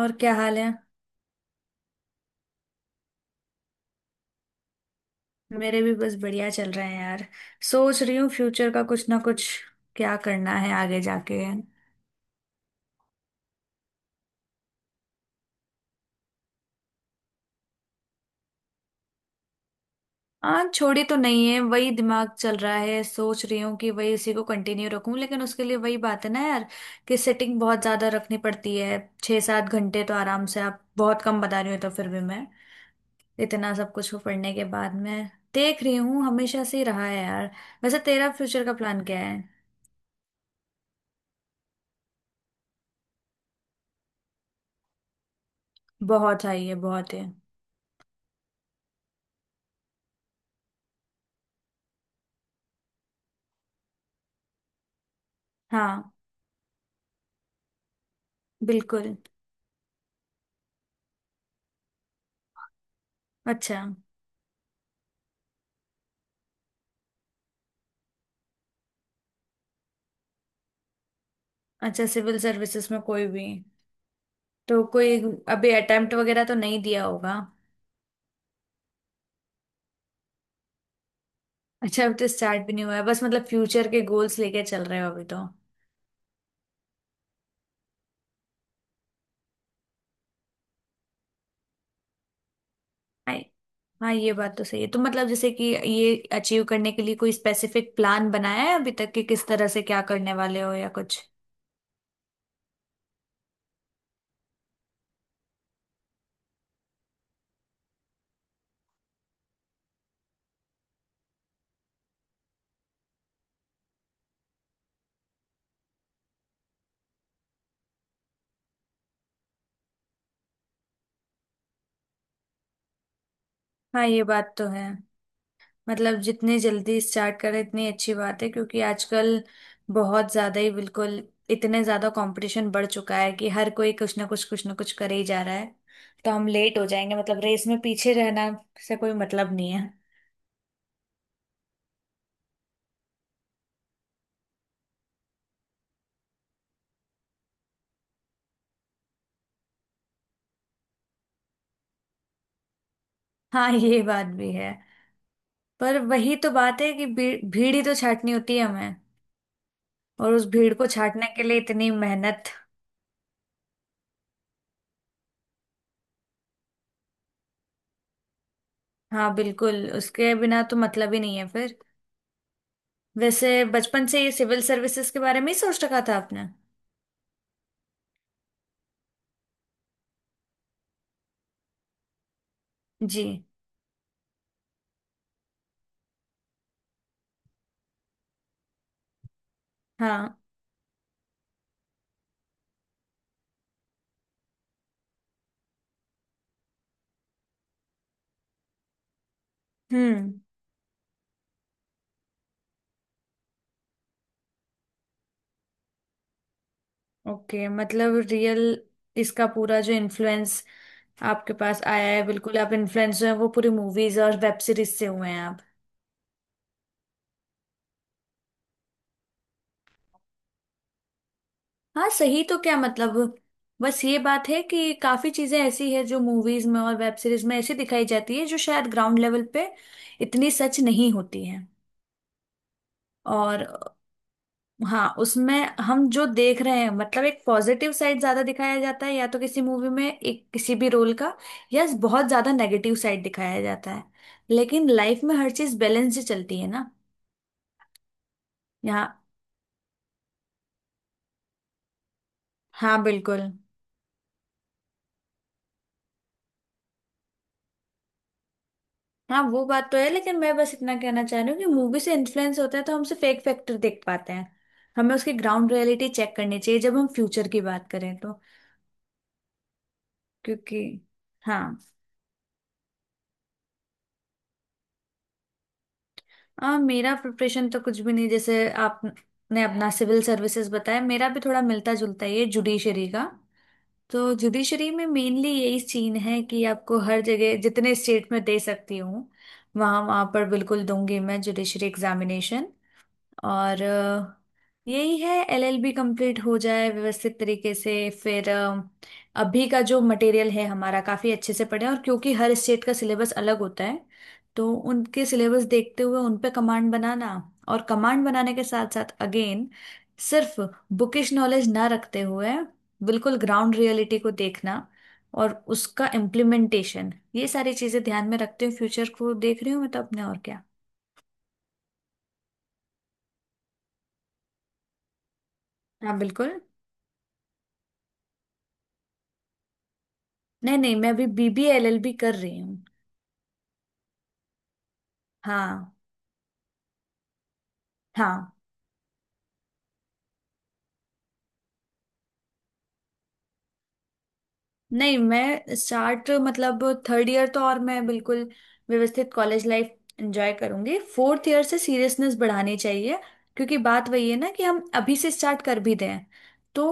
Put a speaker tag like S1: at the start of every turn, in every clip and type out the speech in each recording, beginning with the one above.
S1: और क्या हाल है। मेरे भी बस बढ़िया चल रहे हैं यार। सोच रही हूँ फ्यूचर का कुछ ना कुछ, क्या करना है आगे जाके। हाँ, छोड़ी तो नहीं है, वही दिमाग चल रहा है। सोच रही हूँ कि वही इसी को कंटिन्यू रखूं, लेकिन उसके लिए वही बात है ना यार, कि सेटिंग बहुत ज्यादा रखनी पड़ती है। छः सात घंटे तो आराम से, आप बहुत कम बता रही हो तो फिर भी मैं इतना सब कुछ को पढ़ने के बाद मैं देख रही हूँ, हमेशा से ही रहा है यार। वैसे तेरा फ्यूचर का प्लान क्या है? बहुत हाई है, बहुत है। हाँ, बिल्कुल। अच्छा। अच्छा, सिविल सर्विसेज में कोई भी तो कोई अभी अटेम्प्ट वगैरह तो नहीं दिया होगा। अच्छा, अब तो स्टार्ट भी नहीं हुआ है, बस मतलब फ्यूचर के गोल्स लेके चल रहे हो अभी तो। हाँ हाँ, ये बात तो सही है। तो मतलब जैसे कि ये अचीव करने के लिए कोई स्पेसिफिक प्लान बनाया है अभी तक कि किस तरह से क्या करने वाले हो या कुछ? हाँ, ये बात तो है। मतलब जितने जल्दी स्टार्ट करें इतनी अच्छी बात है, क्योंकि आजकल बहुत ज़्यादा ही, बिल्कुल इतने ज़्यादा कंपटीशन बढ़ चुका है कि हर कोई कुछ ना कुछ करे ही जा रहा है। तो हम लेट हो जाएंगे, मतलब रेस में पीछे रहना से कोई मतलब नहीं है। हाँ, ये बात भी है। पर वही तो बात है कि भीड़ ही तो छाटनी होती है हमें, और उस भीड़ को छाटने के लिए इतनी मेहनत। हाँ बिल्कुल, उसके बिना तो मतलब ही नहीं है फिर। वैसे बचपन से ये सिविल सर्विसेज के बारे में ही सोच रखा था आपने? जी। हाँ। हम्म। ओके, मतलब रियल, इसका पूरा जो इन्फ्लुएंस आपके पास आया है, बिल्कुल आप इन्फ्लुएंस जो है वो पूरी मूवीज और वेब सीरीज से हुए हैं आप। हाँ सही, तो क्या मतलब, बस ये बात है कि काफी चीजें ऐसी है जो मूवीज में और वेब सीरीज में ऐसी दिखाई जाती है जो शायद ग्राउंड लेवल पे इतनी सच नहीं होती है। और हाँ उसमें, हम जो देख रहे हैं मतलब एक पॉजिटिव साइड ज्यादा दिखाया जाता है या तो किसी मूवी में एक किसी भी रोल का, या बहुत ज्यादा नेगेटिव साइड दिखाया जाता है। लेकिन लाइफ में हर चीज बैलेंस से चलती है ना। यहाँ। हाँ बिल्कुल। हाँ वो बात तो है, लेकिन मैं बस इतना कहना चाह रही हूँ कि मूवी से इन्फ्लुएंस होता है तो हम सिर्फ एक फैक्टर देख पाते हैं। हमें उसकी ग्राउंड रियलिटी चेक करनी चाहिए जब हम फ्यूचर की बात करें तो। क्योंकि हाँ, मेरा प्रिपरेशन तो कुछ भी नहीं। जैसे आपने अपना सिविल सर्विसेज बताया, मेरा भी थोड़ा मिलता जुलता ही है, जुडिशरी का। तो जुडिशरी में मेनली यही सीन है कि आपको हर जगह, जितने स्टेट में दे सकती हूँ वहाँ वहाँ पर बिल्कुल दूंगी मैं जुडिशरी एग्जामिनेशन। और यही है, एलएलबी कंप्लीट हो जाए व्यवस्थित तरीके से। फिर अभी का जो मटेरियल है हमारा काफ़ी अच्छे से पढ़े, और क्योंकि हर स्टेट का सिलेबस अलग होता है, तो उनके सिलेबस देखते हुए उन पे कमांड बनाना। और कमांड बनाने के साथ साथ अगेन, सिर्फ बुकिश नॉलेज ना रखते हुए बिल्कुल ग्राउंड रियलिटी को देखना, और उसका इम्प्लीमेंटेशन, ये सारी चीज़ें ध्यान में रखते हुए फ्यूचर को देख रही हूँ मैं तो अपने। और क्या? हाँ बिल्कुल। नहीं नहीं, मैं अभी बीबीए एलएलबी कर रही हूँ। हाँ। हाँ। नहीं, मैं स्टार्ट मतलब, थर्ड ईयर तो और मैं बिल्कुल व्यवस्थित कॉलेज लाइफ एंजॉय करूंगी, फोर्थ ईयर से सीरियसनेस बढ़ानी चाहिए। क्योंकि बात वही है ना कि हम अभी से स्टार्ट कर भी दें तो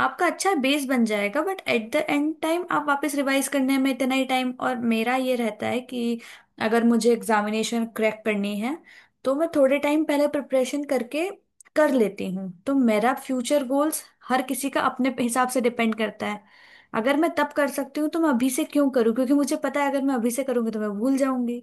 S1: आपका अच्छा बेस बन जाएगा, but at the end time आप वापस रिवाइज करने में इतना ही टाइम। और मेरा ये रहता है कि अगर मुझे एग्जामिनेशन क्रैक करनी है तो मैं थोड़े टाइम पहले प्रिपरेशन करके कर लेती हूँ, तो मेरा फ्यूचर गोल्स हर किसी का अपने हिसाब से डिपेंड करता है। अगर मैं तब कर सकती हूँ तो मैं अभी से क्यों करूँ, क्योंकि मुझे पता है अगर मैं अभी से करूंगी तो मैं भूल जाऊंगी।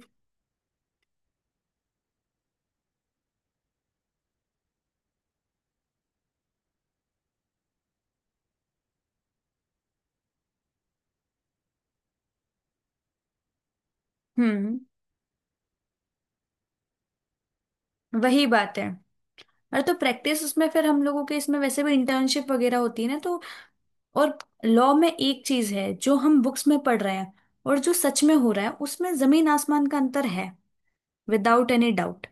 S1: हम्म। वही बात है। अरे तो प्रैक्टिस उसमें फिर हम लोगों के, इसमें वैसे भी इंटर्नशिप वगैरह होती है ना तो। और लॉ में एक चीज है, जो हम बुक्स में पढ़ रहे हैं और जो सच में हो रहा है उसमें जमीन आसमान का अंतर है। विदाउट एनी डाउट,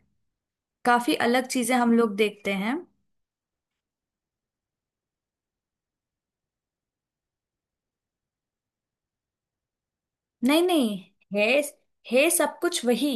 S1: काफी अलग चीजें हम लोग देखते हैं। नहीं नहीं, है। है सब कुछ वही,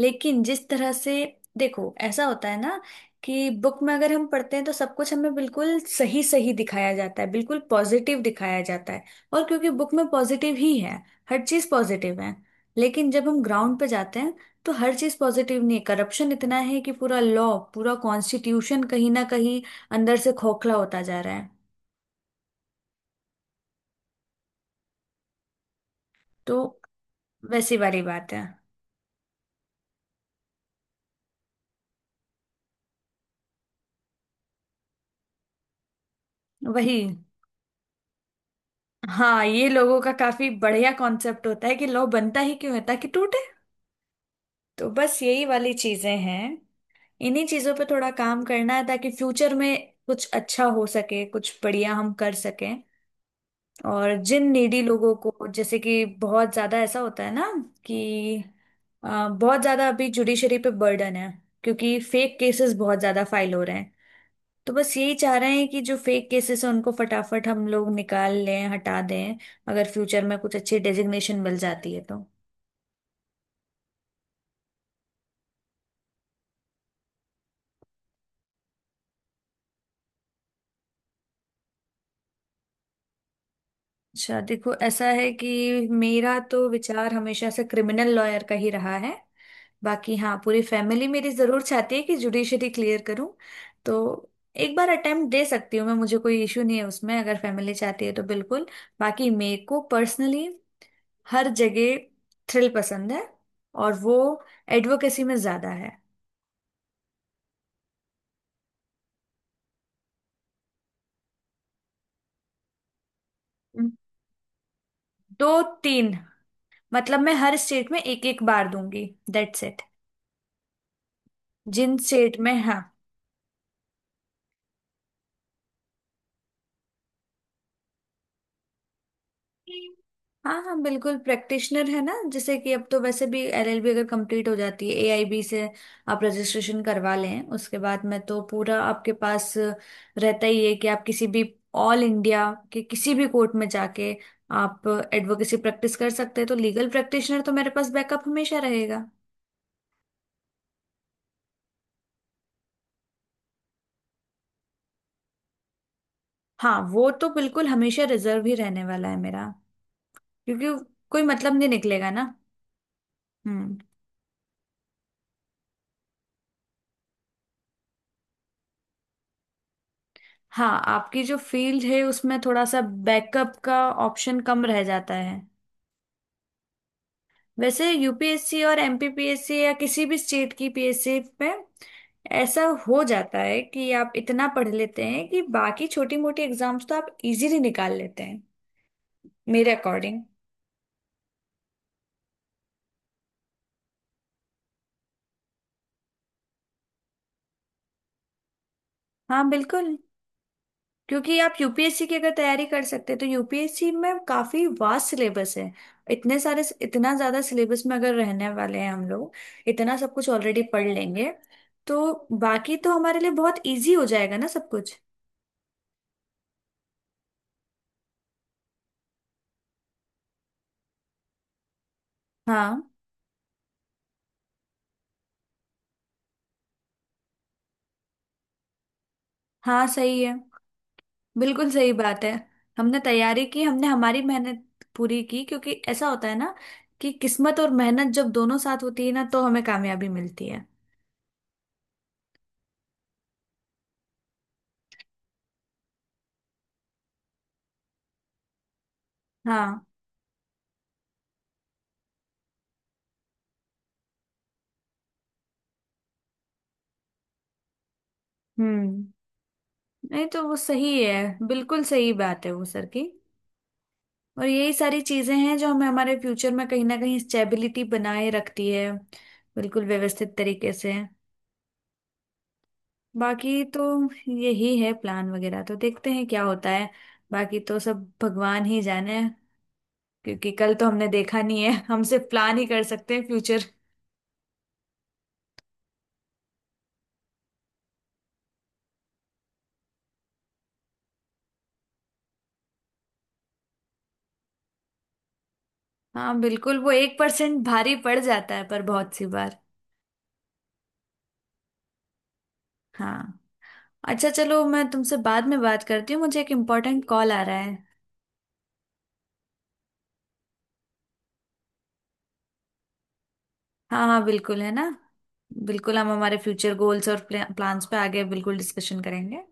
S1: लेकिन जिस तरह से, देखो ऐसा होता है ना, कि बुक में अगर हम पढ़ते हैं तो सब कुछ हमें बिल्कुल सही सही दिखाया जाता है, बिल्कुल पॉजिटिव दिखाया जाता है। और क्योंकि बुक में पॉजिटिव ही है, हर चीज पॉजिटिव है। लेकिन जब हम ग्राउंड पे जाते हैं, तो हर चीज पॉजिटिव नहीं है। करप्शन इतना है कि पूरा लॉ, पूरा कॉन्स्टिट्यूशन कहीं ना कहीं अंदर से खोखला होता जा रहा है। तो वैसी वाली बात है। वही, हाँ, ये लोगों का काफी बढ़िया कॉन्सेप्ट होता है कि लौ बनता ही क्यों है ताकि टूटे। तो बस यही वाली चीजें हैं। इन्हीं चीजों पे थोड़ा काम करना है ताकि फ्यूचर में कुछ अच्छा हो सके, कुछ बढ़िया हम कर सकें। और जिन नीडी लोगों को, जैसे कि बहुत ज्यादा ऐसा होता है ना कि बहुत ज्यादा अभी जुडिशरी पे बर्डन है, क्योंकि फेक केसेस बहुत ज्यादा फाइल हो रहे हैं। तो बस यही चाह रहे हैं कि जो फेक केसेस हैं उनको फटाफट हम लोग निकाल लें, हटा दें। अगर फ्यूचर में कुछ अच्छी डेजिग्नेशन मिल जाती है तो। अच्छा देखो, ऐसा है कि मेरा तो विचार हमेशा से क्रिमिनल लॉयर का ही रहा है। बाकी हाँ, पूरी फैमिली मेरी जरूर चाहती है कि जुडिशरी क्लियर करूं। तो एक बार अटेम्प्ट दे सकती हूँ मैं, मुझे कोई इशू नहीं है उसमें, अगर फैमिली चाहती है तो बिल्कुल। बाकी मेरे को पर्सनली हर जगह थ्रिल पसंद है, और वो एडवोकेसी में ज्यादा है। दो तीन, मतलब मैं हर स्टेट में एक एक बार दूंगी। That's it. जिन स्टेट में, हाँ। हाँ हाँ बिल्कुल, प्रैक्टिशनर है ना। जैसे कि अब तो वैसे भी एलएलबी अगर कंप्लीट हो जाती है, एआईबी से आप रजिस्ट्रेशन करवा लें, उसके बाद में तो पूरा आपके पास रहता ही है कि आप किसी भी ऑल इंडिया के किसी भी कोर्ट में जाके आप एडवोकेसी प्रैक्टिस कर सकते हैं। तो लीगल प्रैक्टिशनर तो मेरे पास बैकअप हमेशा रहेगा। हाँ, वो तो बिल्कुल हमेशा रिजर्व ही रहने वाला है मेरा, क्योंकि कोई मतलब नहीं निकलेगा ना। हम्म। हाँ, आपकी जो फील्ड है उसमें थोड़ा सा बैकअप का ऑप्शन कम रह जाता है। वैसे यूपीएससी और एमपीपीएससी या किसी भी स्टेट की पीएससी पे ऐसा हो जाता है कि आप इतना पढ़ लेते हैं कि बाकी छोटी मोटी एग्जाम्स तो आप इजीली निकाल लेते हैं, मेरे अकॉर्डिंग। हाँ बिल्कुल, क्योंकि आप यूपीएससी की अगर तैयारी कर सकते हैं तो यूपीएससी में काफी वास्ट सिलेबस है। इतने सारे, इतना ज्यादा सिलेबस में अगर रहने वाले हैं हम लोग, इतना सब कुछ ऑलरेडी पढ़ लेंगे तो बाकी तो हमारे लिए बहुत इजी हो जाएगा ना सब कुछ। हाँ। हाँ सही है, बिल्कुल सही बात है। हमने तैयारी की, हमने हमारी मेहनत पूरी की, क्योंकि ऐसा होता है ना कि किस्मत और मेहनत जब दोनों साथ होती है ना तो हमें कामयाबी मिलती है। हाँ। हम्म। नहीं तो वो सही है, बिल्कुल सही बात है वो सर की। और यही सारी चीजें हैं जो हमें हमारे फ्यूचर में कहीं ना कहीं स्टेबिलिटी बनाए रखती है, बिल्कुल व्यवस्थित तरीके से। बाकी तो यही है, प्लान वगैरह तो देखते हैं क्या होता है, बाकी तो सब भगवान ही जाने। क्योंकि कल तो हमने देखा नहीं है, हम सिर्फ प्लान ही कर सकते हैं फ्यूचर। हाँ बिल्कुल, वो 1 परसेंट भारी पड़ जाता है पर बहुत सी बार। हाँ। अच्छा चलो, मैं तुमसे बाद में बात करती हूँ, मुझे एक इम्पोर्टेंट कॉल आ रहा है। हाँ हाँ बिल्कुल, है ना। बिल्कुल, हम हमारे फ्यूचर गोल्स और प्लान्स पे आगे बिल्कुल डिस्कशन करेंगे।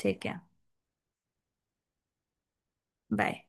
S1: ठीक है। बाय।